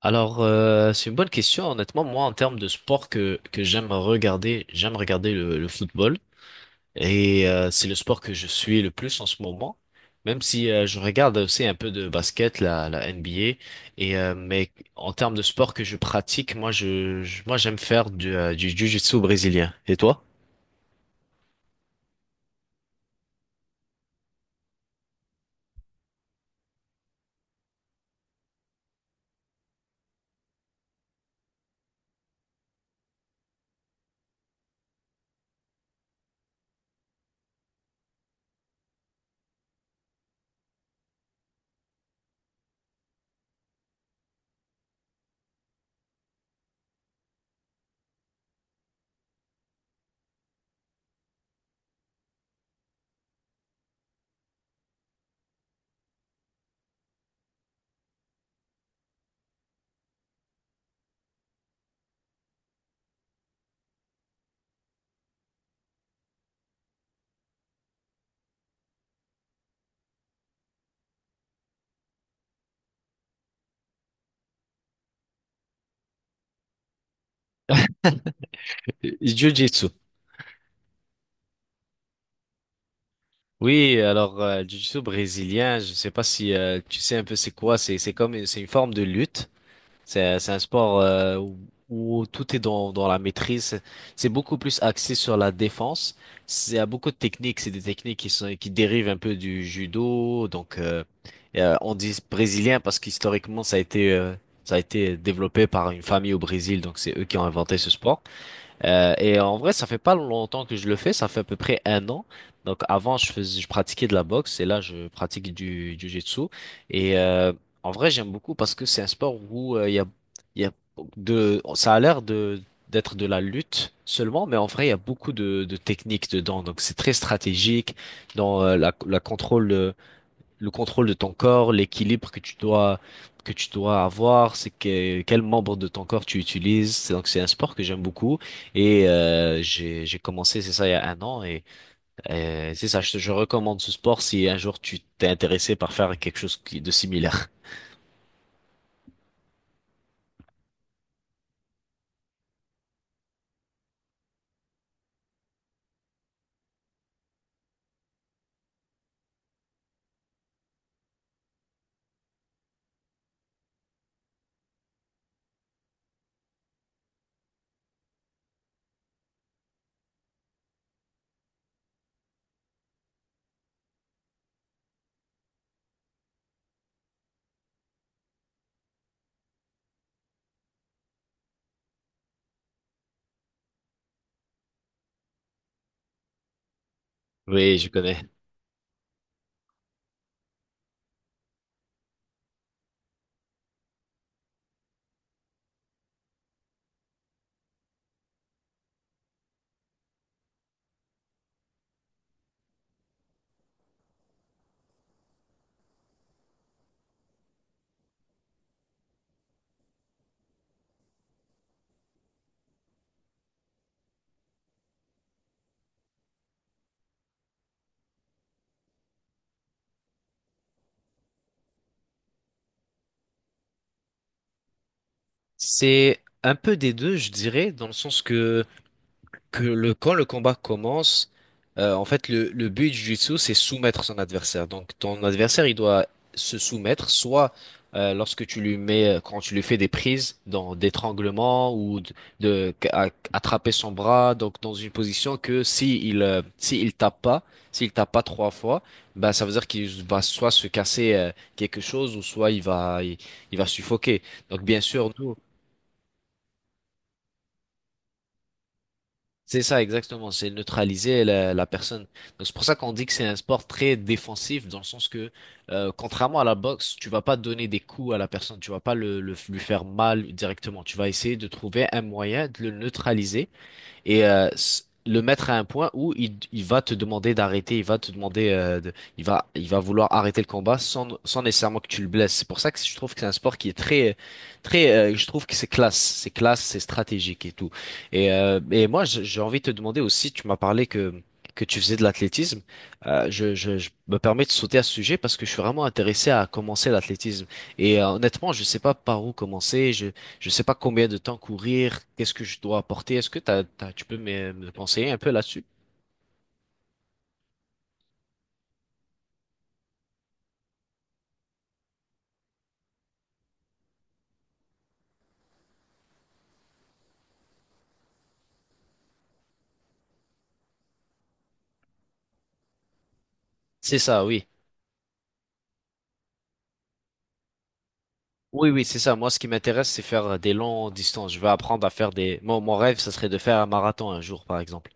Alors, c'est une bonne question. Honnêtement, moi, en termes de sport que j'aime regarder le football. Et c'est le sport que je suis le plus en ce moment. Même si je regarde aussi un peu de basket, la NBA. Et, mais en termes de sport que je pratique, moi, moi, j'aime faire du jiu-jitsu brésilien. Et toi? Jiu-jitsu. Oui, alors, jiu-jitsu brésilien, je sais pas si tu sais un peu c'est quoi. C'est comme, c'est une forme de lutte. C'est un sport où tout est dans la maîtrise. C'est beaucoup plus axé sur la défense. Il y a beaucoup de techniques. C'est des techniques qui dérivent un peu du judo. Donc, et, on dit brésilien parce qu'historiquement, ça a été développé par une famille au Brésil. Donc, c'est eux qui ont inventé ce sport. Et en vrai, ça fait pas longtemps que je le fais, ça fait à peu près un an. Donc avant, je pratiquais de la boxe et là, je pratique du jiu-jitsu. Et en vrai, j'aime beaucoup parce que c'est un sport où il y a de ça a l'air de d'être de la lutte seulement, mais en vrai, il y a beaucoup de techniques dedans. Donc c'est très stratégique dans la contrôle. Le contrôle de ton corps, l'équilibre que tu dois avoir, c'est que quel membre de ton corps tu utilises. Donc c'est un sport que j'aime beaucoup et j'ai commencé c'est ça il y a un an et c'est ça je recommande ce sport si un jour tu t'es intéressé par faire quelque chose de similaire. Oui, je connais. C'est un peu des deux, je dirais, dans le sens que quand le combat commence, en fait, le but du jiu-jitsu, c'est soumettre son adversaire. Donc, ton adversaire, il doit se soumettre, soit lorsque tu lui mets, quand tu lui fais des prises, dans d'étranglement ou de attraper son bras, donc dans une position que si il tape pas, s'il tape pas trois fois, bah ça veut dire qu'il va soit se casser quelque chose ou soit il va suffoquer. Donc, bien sûr, nous. C'est ça, exactement. C'est neutraliser la personne. Donc c'est pour ça qu'on dit que c'est un sport très défensif, dans le sens que, contrairement à la boxe, tu vas pas donner des coups à la personne, tu vas pas lui faire mal directement. Tu vas essayer de trouver un moyen de le neutraliser et le mettre à un point où il va te demander d'arrêter, il va te demander, il va vouloir arrêter le combat sans nécessairement que tu le blesses. C'est pour ça que je trouve que c'est un sport qui est très, très, je trouve que c'est classe, c'est classe, c'est stratégique et tout. Et moi, j'ai envie de te demander aussi, tu m'as parlé que tu faisais de l'athlétisme. Je je me permets de sauter à ce sujet parce que je suis vraiment intéressé à commencer l'athlétisme. Et honnêtement, je sais pas par où commencer. Je sais pas combien de temps courir, qu'est-ce que je dois apporter. Est-ce que tu peux me conseiller un peu là-dessus? C'est ça, oui. Oui, oui, c'est ça. Moi, ce qui m'intéresse, c'est faire des longues distances. Je veux apprendre. Mon rêve, ça serait de faire un marathon un jour, par exemple.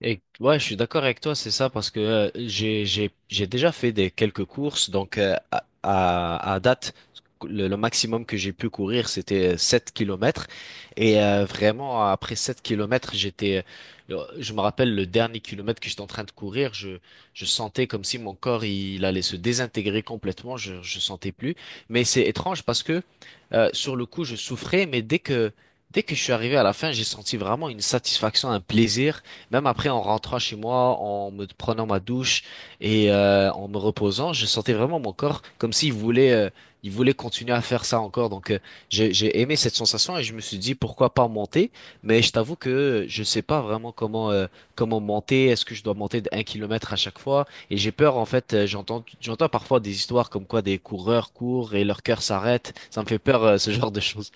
Et ouais, je suis d'accord avec toi, c'est ça, parce que j'ai déjà fait des quelques courses, donc à date le maximum que j'ai pu courir c'était 7 kilomètres et vraiment après 7 kilomètres j'étais je me rappelle le dernier kilomètre que j'étais en train de courir, je sentais comme si mon corps il allait se désintégrer complètement, je sentais plus, mais c'est étrange parce que sur le coup je souffrais, dès que je suis arrivé à la fin, j'ai senti vraiment une satisfaction, un plaisir. Même après, en rentrant chez moi, en me prenant ma douche et en me reposant, je sentais vraiment mon corps comme s'il voulait continuer à faire ça encore. Donc, j'ai aimé cette sensation et je me suis dit pourquoi pas monter. Mais je t'avoue que je sais pas vraiment comment monter. Est-ce que je dois monter d'un kilomètre à chaque fois? Et j'ai peur, en fait, j'entends parfois des histoires comme quoi des coureurs courent et leur cœur s'arrête. Ça me fait peur, ce genre de choses.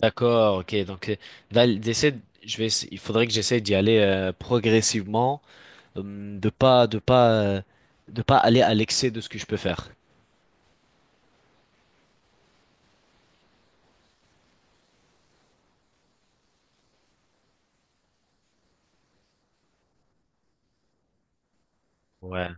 D'accord, ok. Donc, là, j'essaie, je vais, essa- il faudrait que j'essaie d'y aller progressivement, hum, de pas, de pas, euh, de pas aller à l'excès de ce que je peux faire. Ouais.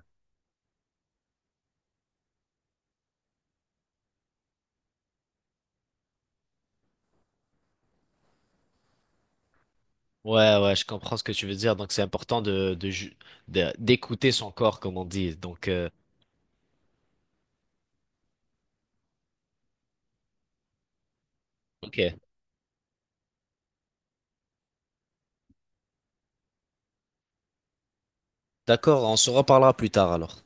Ouais, ouais, je comprends ce que tu veux dire. Donc, c'est important d'écouter son corps, comme on dit. Donc, ok. D'accord, on se reparlera plus tard alors.